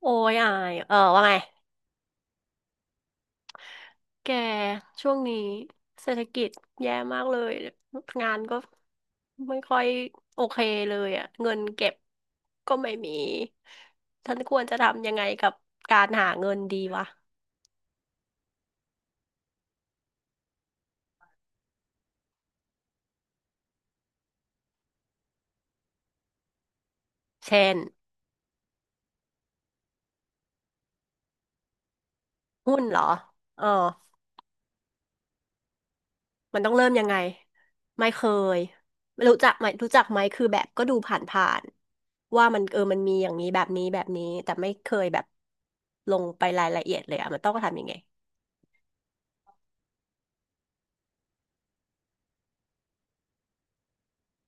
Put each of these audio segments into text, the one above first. โอ้ยอายเออว่าไงแกช่วงนี้เศรษฐกิจแย่มากเลย งานก็ไม่ค่อยโอเคเลยอ่ะเงินเก็บก็ไม่มีฉันควรจะทำยังไงกับการหาเงินดีวะ เช่นหุ้นเหรอเออมันต้องเริ่มยังไง ไม่เคยรู้จักไหมคือแบบก็ดูผ่านๆว่ามันมันมีอย่างนี้แบบนี้ แต่ไม่เคยแบบลงไปรายละเอียดเลยอ่ะมันต้องทำยังไง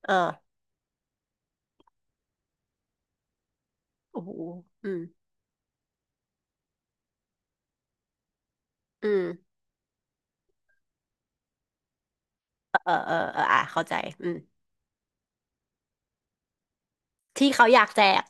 เออ โอ้โหอืมอืมเออเอออ่ะเข้าใจ อืมที่เขาอยากแจก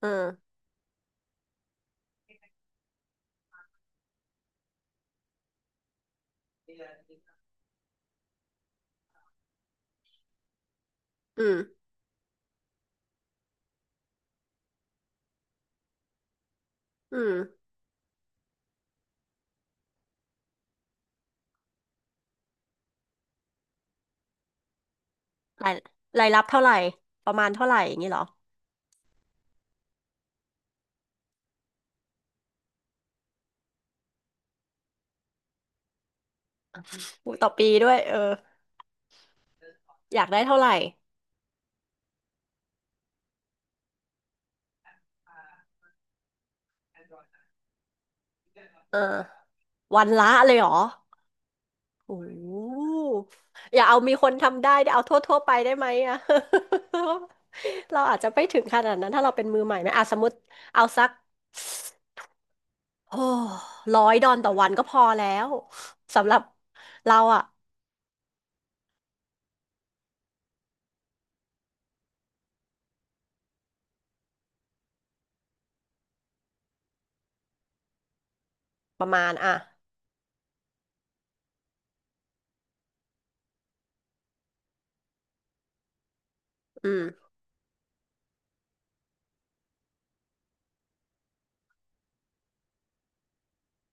เอออืมอืมรายรายรับเท่าไหร่ ประมาณเท่าไหร่อย่างนี้เหรออุ๊ยต่อปีด้วยเอออยากได้เท่าไหร่เออวันละเลยเหรอโอ้โหอย่าเอามีคนทำได้เอาทั่วไปได้ไหมอะ เราอาจจะไม่ถึงขนาดนั้นถ้าเราเป็นมือใหม่ไหมอ่ะสมมติเอาสักโอ้ร้อยดอนต่อวันก็พอแล้วสำหรับเราอะ ประมาณอ่ะอืม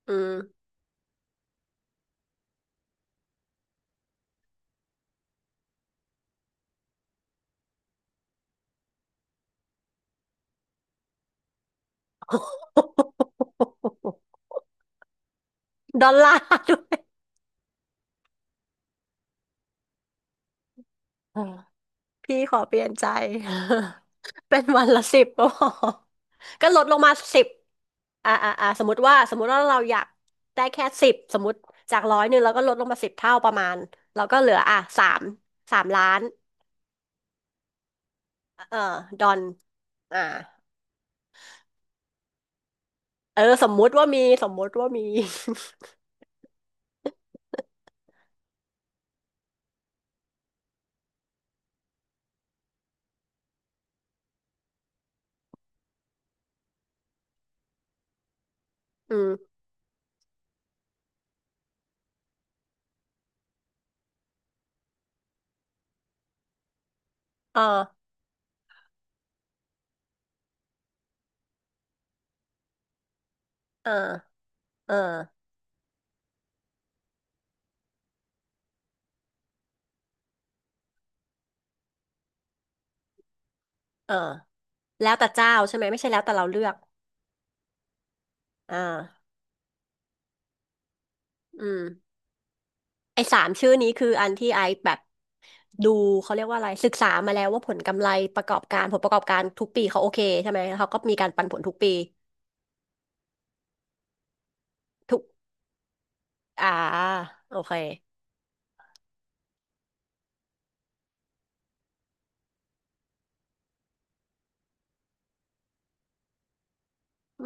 อืม ดอลลาร์ด้วยเออพี่ขอเปลี่ยนใจ เป็นวันละสิบก็พอก็ลดลงมาสิบสมมติว่าเราอยากได้แค่สิบ สมมติจากร้อยหนึ่งเราก็ลดลงมาสิบเท่าประมาณเราก็เหลืออ่ะสาม สามล้านเออดอนอ่าเออสมมุติว่ามี อืมเออเออเอออแล้วแต่เจ้าใช่ไหม ไม่ใช่แล้วแต่เราเลือก อ่าอืม ไอ้สามชื่อนี้คืออันที่ไอแบบดูเขาเรียกว่าอะไรศึกษามาแล้วว่าผลกำไรประกอบการผลประกอบการทุกปีเขาโอเคใช่ไหมแล้วเขาก็มีการปันผลทุกปีทุกอ่าโอเค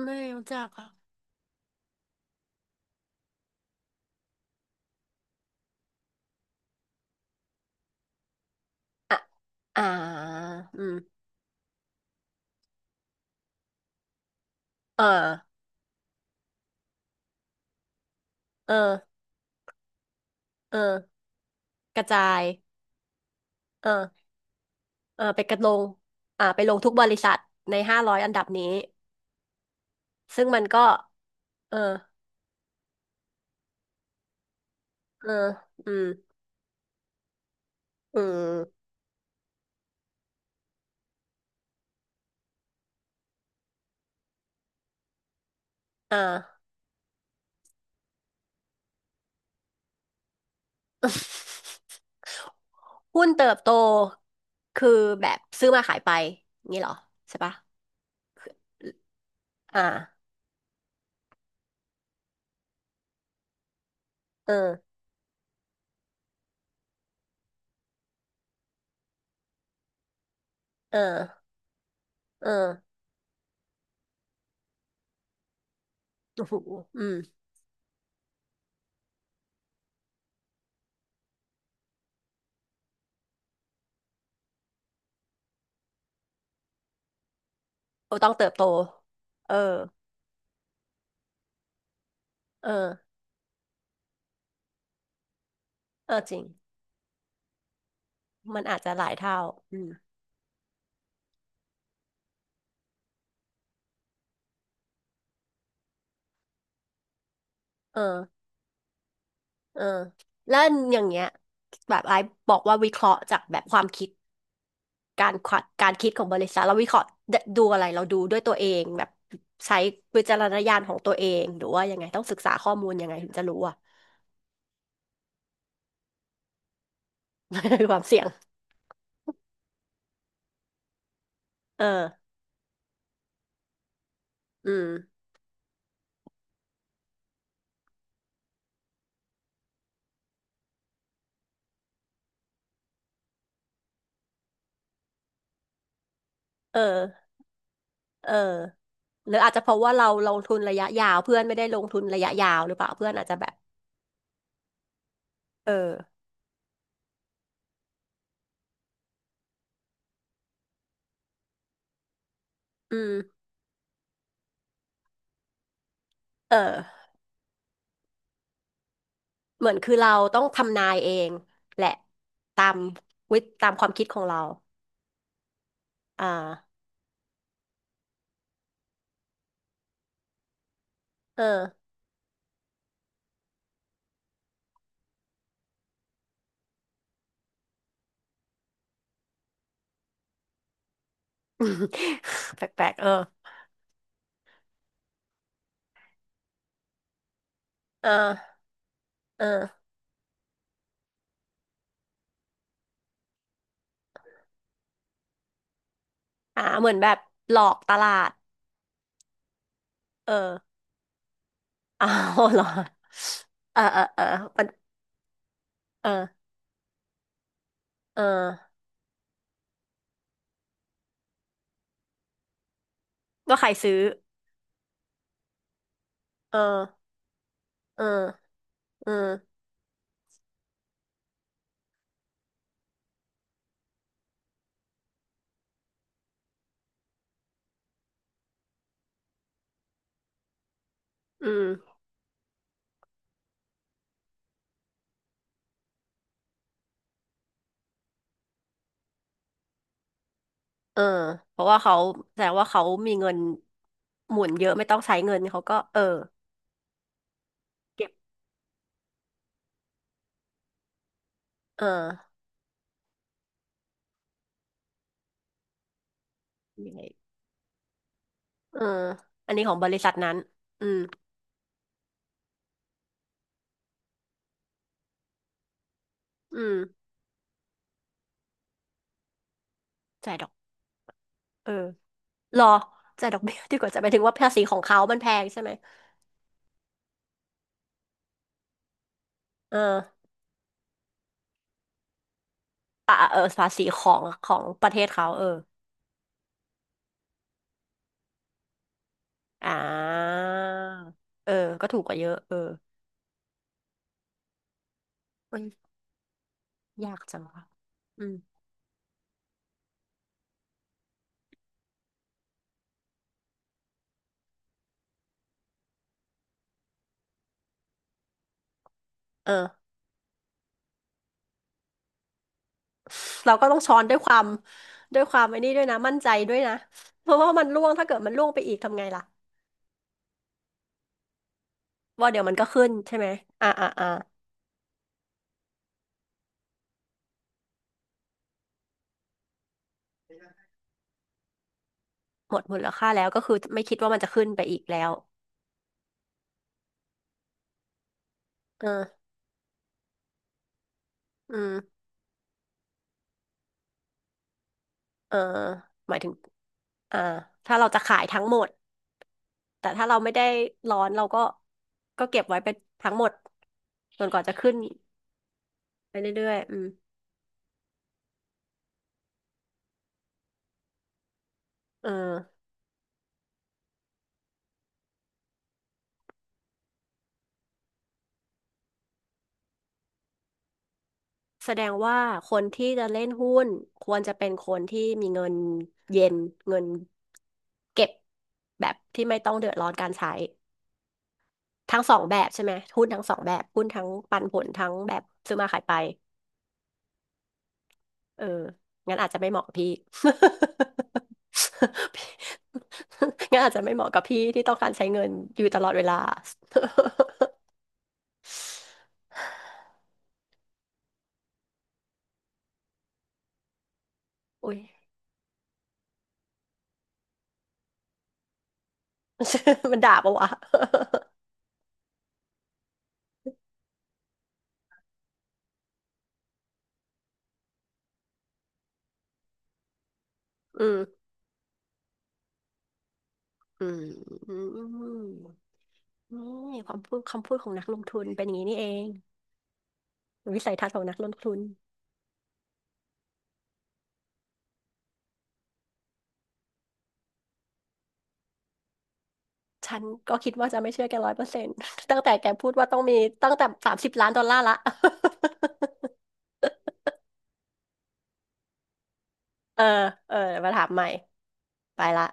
ไม่รู้จักอ่ะอ่ะอ่าอืมเออเออเออกระจายเออเออไปกระลงอ่าไปลงทุกบริษัทใน500 อันดับนี้ซึ่งมันก็เออเอออืมอืมอ่า หุ้นเติบโตคือแบบซื้อมาขายไปงี้เหรอใช่ปะคืออ่าเออเออเออโอ้โหอืมโอต้องเติบโตเออเออเออจริงมันอาจจะหลายเท่าอืมเออเออแล้วอย่างเงี้ยแบบไอ้บอกว่าวิเคราะห์จากแบบความคิดการควการคิดของบริษัทเราวิเคราะห์ดูอะไรเราดูด้วยตัวเองแบบใช้วิจารณญาณของตัวเองหรือว่ายังไงต้องศึกษาข้อมูลยังไงถึงจะรู้อะ ความเสี่ยงเออ อืมเออเออหรืออาจจะเพราะว่าเราลงทุนระยะยาวเพื่อนไม่ได้ลงทุนระยะยาวหรือเปล่าเพื่อนอาจจะแบบเอออืมเออเหมือนคือเราต้องทำนายเองแหละตามตามความคิดของเราอ่าเออ แปลกๆเออเอออ่าเหมือนแบบหลอกตลาดเออ อ้าวเหรอเออมันเออเออก็ใครซื้อเออเออเอออืม เออเพราะว่าเขาแสดงว่าเขามีเงินหมุนเยอะไม่ต้องใช้เงินเขาก็เออเก็บเออยังไงเอออันนี้ของบริษัทนั้นอืมอืมจ่ายดอกเออรอจ่ายดอกเบี้ยดีกว่าจะไปถึงว่าภาษีของเขามันแพงใช่ไหมเอออ่ะเออภาษีของประเทศเขาเอออ่าเออก็ถูกกว่าเยอะเออเอ้ยยากจังวะอืมเออ เราก็ต้องช้อนด้วยความด้วยความไอ้นี่ด้วยนะมั่นใจด้วยนะเพราะว่ามันร่วงถ้าเกิดมันร่วงไปอีกทำไงล่ะว่าเดี๋ยวมันก็ขึ้นใช่ไหมอ่าอ่าอ่าหมดมูลค่าแล้วก็คือไม่คิดว่ามันจะขึ้นไปอีกแล้วเอออืมเออหมายถึงอ่าถ้าเราจะขายทั้งหมดแต่ถ้าเราไม่ได้ร้อนเราก็เก็บไว้เป็นทั้งหมดจนกว่าจะขึ้นไปเรื่อยๆอืมเออแสดงว่าคนที่จะเล่นหุ้นควรจะเป็นคนที่มีเงินเย็นเงิน เก็บแบบที่ไม่ต้องเดือดร้อนการใช้ทั้งสองแบบใช่ไหมหุ้นทั้งสองแบบหุ้นทั้งปันผลทั้งแบบซื้อมาขายไปเอองั้นอาจจะไม่เหมาะกับพี่ พี่งั้นอาจจะไม่เหมาะกับพี่ที่ต้องการใช้เงินอยู่ตลอดเวลา อุ้ย มันด่าปะวะ อืมอืมอืมนี่ความพูดคำพูดของนักลงทุนเป็นอย่างนี้นี่เองวิสัยทัศน์ของนักลงทุน ฉันก็คิดว่าจะไม่เชื่อแก100% ตั้งแต่แกพูดว่าต้องมีตั้งแต่30 ล้านดอลลาร์ละ เออเออมาถามใหม่ไปละ